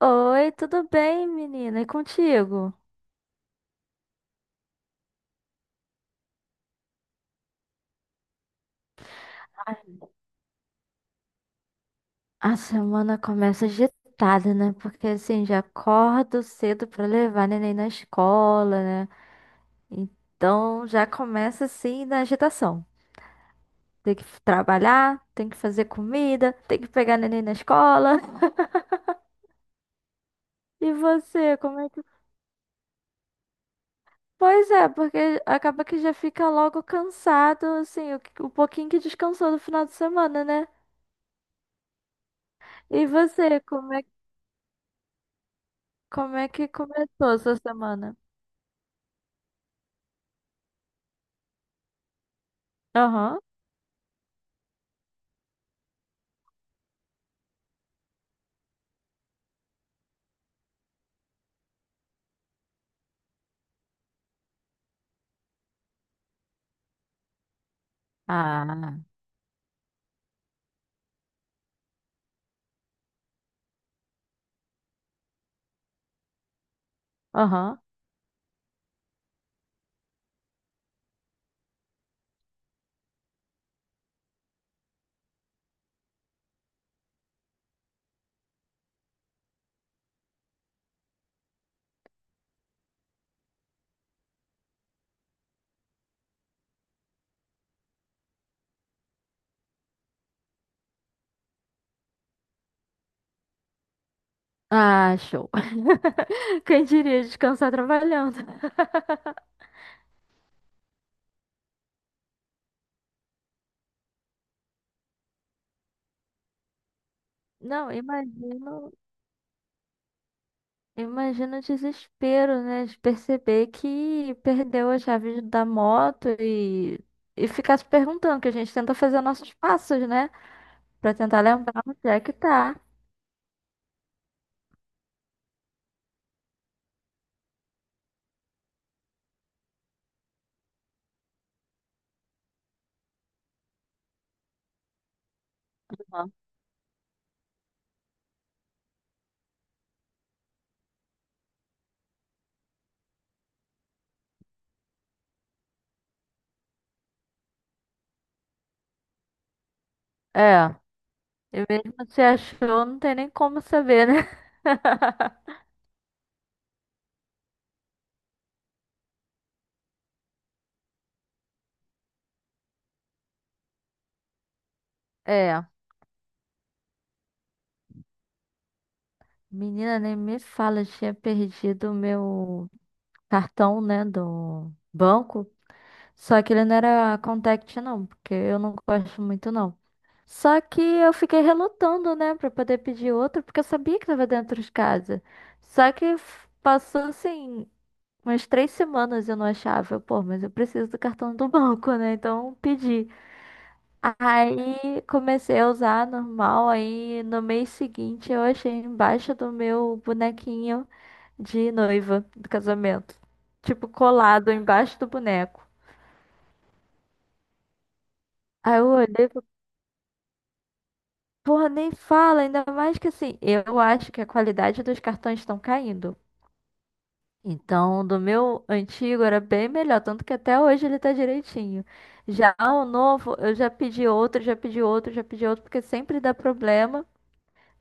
Oi, tudo bem, menina? E contigo? A semana começa agitada, né? Porque assim, já acordo cedo pra levar neném na escola, né? Então já começa assim na agitação. Tem que trabalhar, tem que fazer comida, tem que pegar neném na escola. E você, como é que. Pois é, porque acaba que já fica logo cansado, assim, o pouquinho que descansou do final de semana, né? E você, como é que começou a sua semana? Aham. Ah, aham. Ah, show. Quem diria descansar trabalhando? Não, imagino, imagino o desespero, né? De perceber que perdeu a chave da moto e ficar se perguntando, que a gente tenta fazer nossos passos, né? Pra tentar lembrar onde é que tá. Aham. É, e mesmo se achou, não tem nem como saber, né? É, menina, nem me fala, eu tinha perdido o meu cartão, né, do banco. Só que ele não era contact, não, porque eu não gosto muito, não. Só que eu fiquei relutando, né, pra poder pedir outro, porque eu sabia que tava dentro de casa. Só que passou, assim, umas 3 semanas e eu não achava. Eu, pô, mas eu preciso do cartão do banco, né? Então pedi. Aí comecei a usar normal, aí no mês seguinte eu achei embaixo do meu bonequinho de noiva do casamento. Tipo, colado embaixo do boneco. Aí eu olhei e falei, porra, nem fala, ainda mais que assim, eu acho que a qualidade dos cartões estão caindo. Então, do meu antigo era bem melhor, tanto que até hoje ele tá direitinho. Já o novo, eu já pedi outro, já pedi outro, já pedi outro, porque sempre dá problema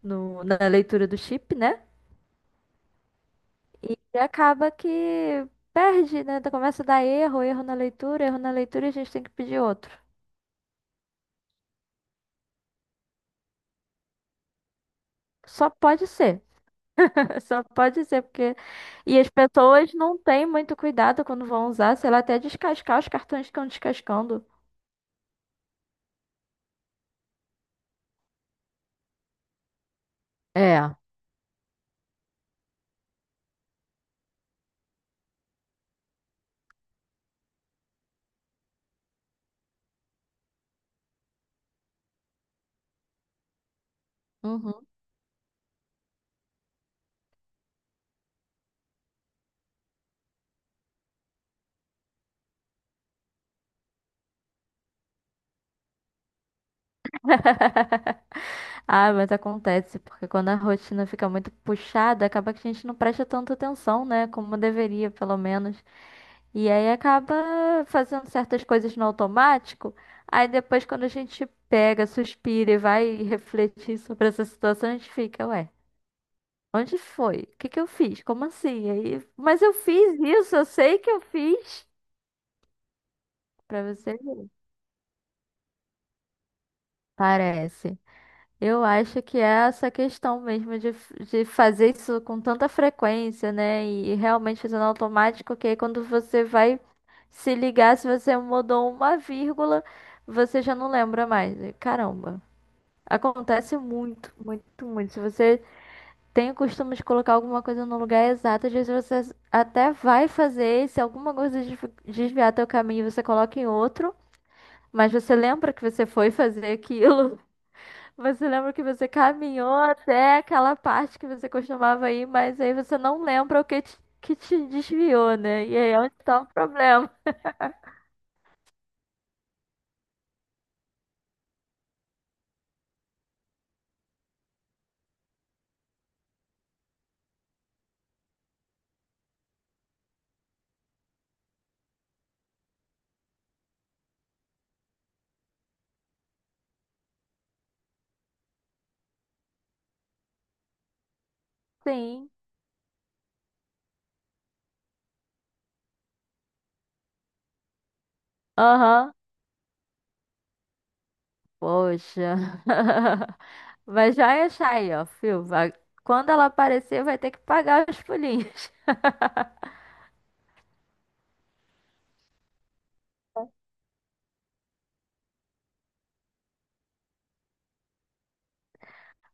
no, na leitura do chip, né? E acaba que perde, né? Então começa a dar erro, erro na leitura e a gente tem que pedir outro. Só pode ser. Só pode ser, porque. E as pessoas não têm muito cuidado quando vão usar, sei lá, até descascar os cartões que estão descascando. É. Uhum. Ah, mas acontece, porque quando a rotina fica muito puxada, acaba que a gente não presta tanta atenção, né? Como deveria, pelo menos. E aí acaba fazendo certas coisas no automático. Aí depois, quando a gente pega, suspira e vai refletir sobre essa situação, a gente fica, ué, onde foi? O que que eu fiz? Como assim? Aí, mas eu fiz isso, eu sei que eu fiz. Pra você ver. Parece. Eu acho que é essa questão mesmo de fazer isso com tanta frequência, né? E realmente fazendo automático, que aí quando você vai se ligar, se você mudou uma vírgula, você já não lembra mais. E, caramba, acontece muito, muito, muito. Se você tem o costume de colocar alguma coisa no lugar exato, às vezes você até vai fazer, e se alguma coisa desviar teu caminho, você coloca em outro, mas você lembra que você foi fazer aquilo. Você lembra que você caminhou até aquela parte que você costumava ir, mas aí você não lembra que te desviou, né? E aí é onde tá o problema. Sim. Aham. Poxa. Mas já ia achar aí, ó, fio. Vai- Quando ela aparecer, vai ter que pagar os pulinhos.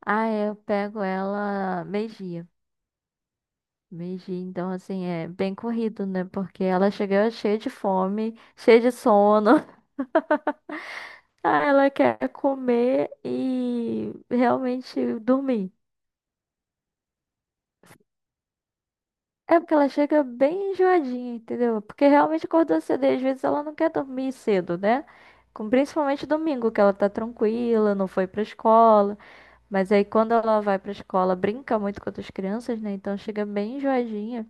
Ah, é, eu pego ela meio-dia. Meio-dia, então, assim, é bem corrido, né? Porque ela chega cheia de fome, cheia de sono. Ah, ela quer comer e realmente dormir. É porque ela chega bem enjoadinha, entendeu? Porque realmente acordou cedo e às vezes ela não quer dormir cedo, né? Principalmente domingo, que ela tá tranquila, não foi pra escola. Mas aí quando ela vai pra escola, brinca muito com outras crianças, né? Então chega bem enjoadinha.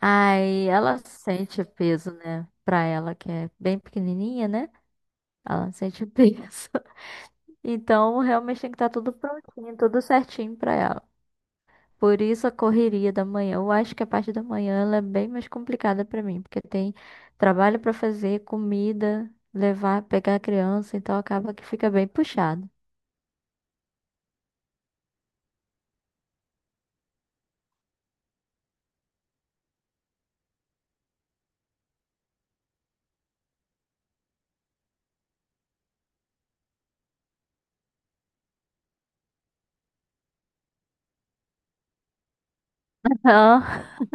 Aí ela sente o peso, né? Pra ela, que é bem pequenininha, né? Ela sente o peso. Então realmente tem que estar tudo prontinho, tudo certinho pra ela. Por isso a correria da manhã. Eu acho que a parte da manhã ela é bem mais complicada pra mim, porque tem trabalho pra fazer, comida, levar, pegar a criança, então acaba que fica bem puxado. Então,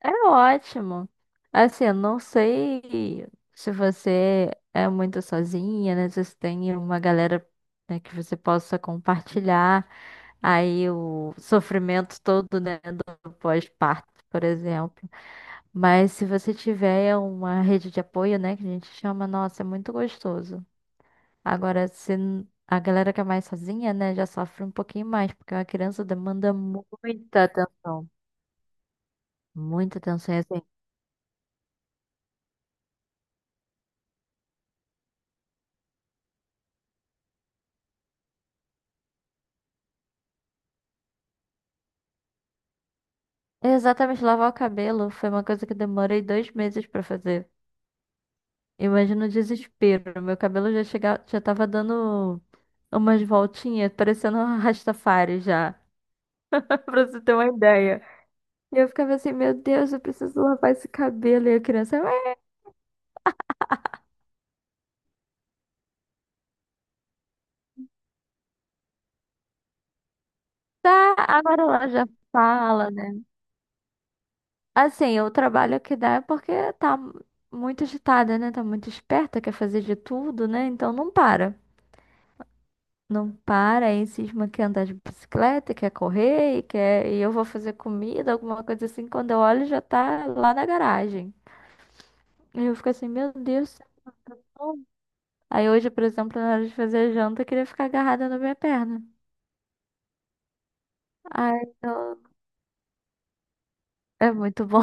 é ótimo. Assim, eu não sei se você é muito sozinha, né? Se você tem uma galera, né, que você possa compartilhar aí o sofrimento todo, né, do pós-parto, por exemplo. Mas se você tiver uma rede de apoio, né, que a gente chama, nossa, é muito gostoso. Agora, se a galera que é mais sozinha, né, já sofre um pouquinho mais, porque uma criança demanda muita atenção. Muita atenção, e assim. Exatamente, lavar o cabelo foi uma coisa que eu demorei 2 meses pra fazer. Imagina o desespero. Meu cabelo já chegava, já tava dando umas voltinhas, parecendo um Rastafari já, pra você ter uma ideia. E eu ficava assim, meu Deus, eu preciso lavar esse cabelo. E a criança, "Ah, tá, agora ela já fala, né? Assim, o trabalho que dá é porque tá muito agitada, né? Tá muito esperta, quer fazer de tudo, né? Então não para. Não para, aí cisma quer andar de bicicleta, quer correr, e quer... e eu vou fazer comida, alguma coisa assim. Quando eu olho, já tá lá na garagem. E eu fico assim, meu Deus do céu. Aí hoje, por exemplo, na hora de fazer janta, eu queria ficar agarrada na minha perna. Ai, eu- é muito bom.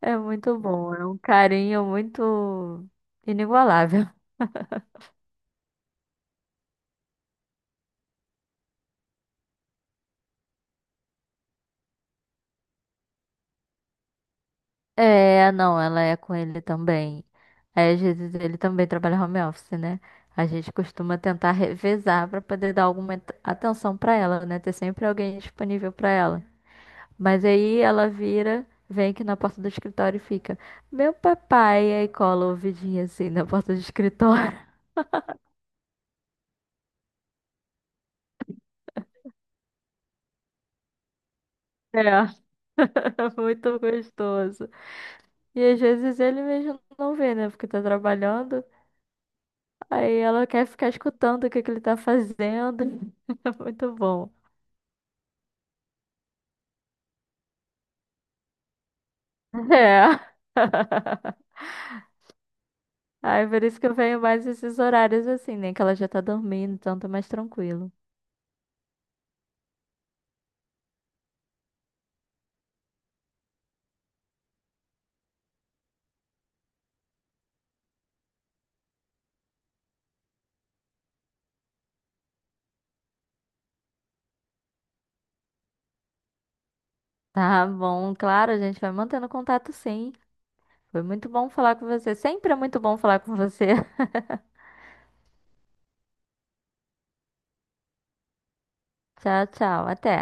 É muito bom, é um carinho muito inigualável. É, não, ela é com ele também. Aí, às vezes, ele também trabalha home office, né? A gente costuma tentar revezar pra poder dar atenção pra ela, né? Ter sempre alguém disponível pra ela. Mas aí ela vira, vem aqui na porta do escritório e fica: Meu papai. Aí cola o ouvidinho assim na porta do escritório. É, muito gostoso. E às vezes ele mesmo não vê, né? Porque tá trabalhando. Aí ela quer ficar escutando o que que ele tá fazendo. É muito bom. É. Aí por isso que eu venho mais esses horários assim, né? Que ela já tá dormindo, então tá mais tranquilo. Tá bom, claro, a gente vai mantendo contato sim. Foi muito bom falar com você. Sempre é muito bom falar com você. Tchau, tchau. Até.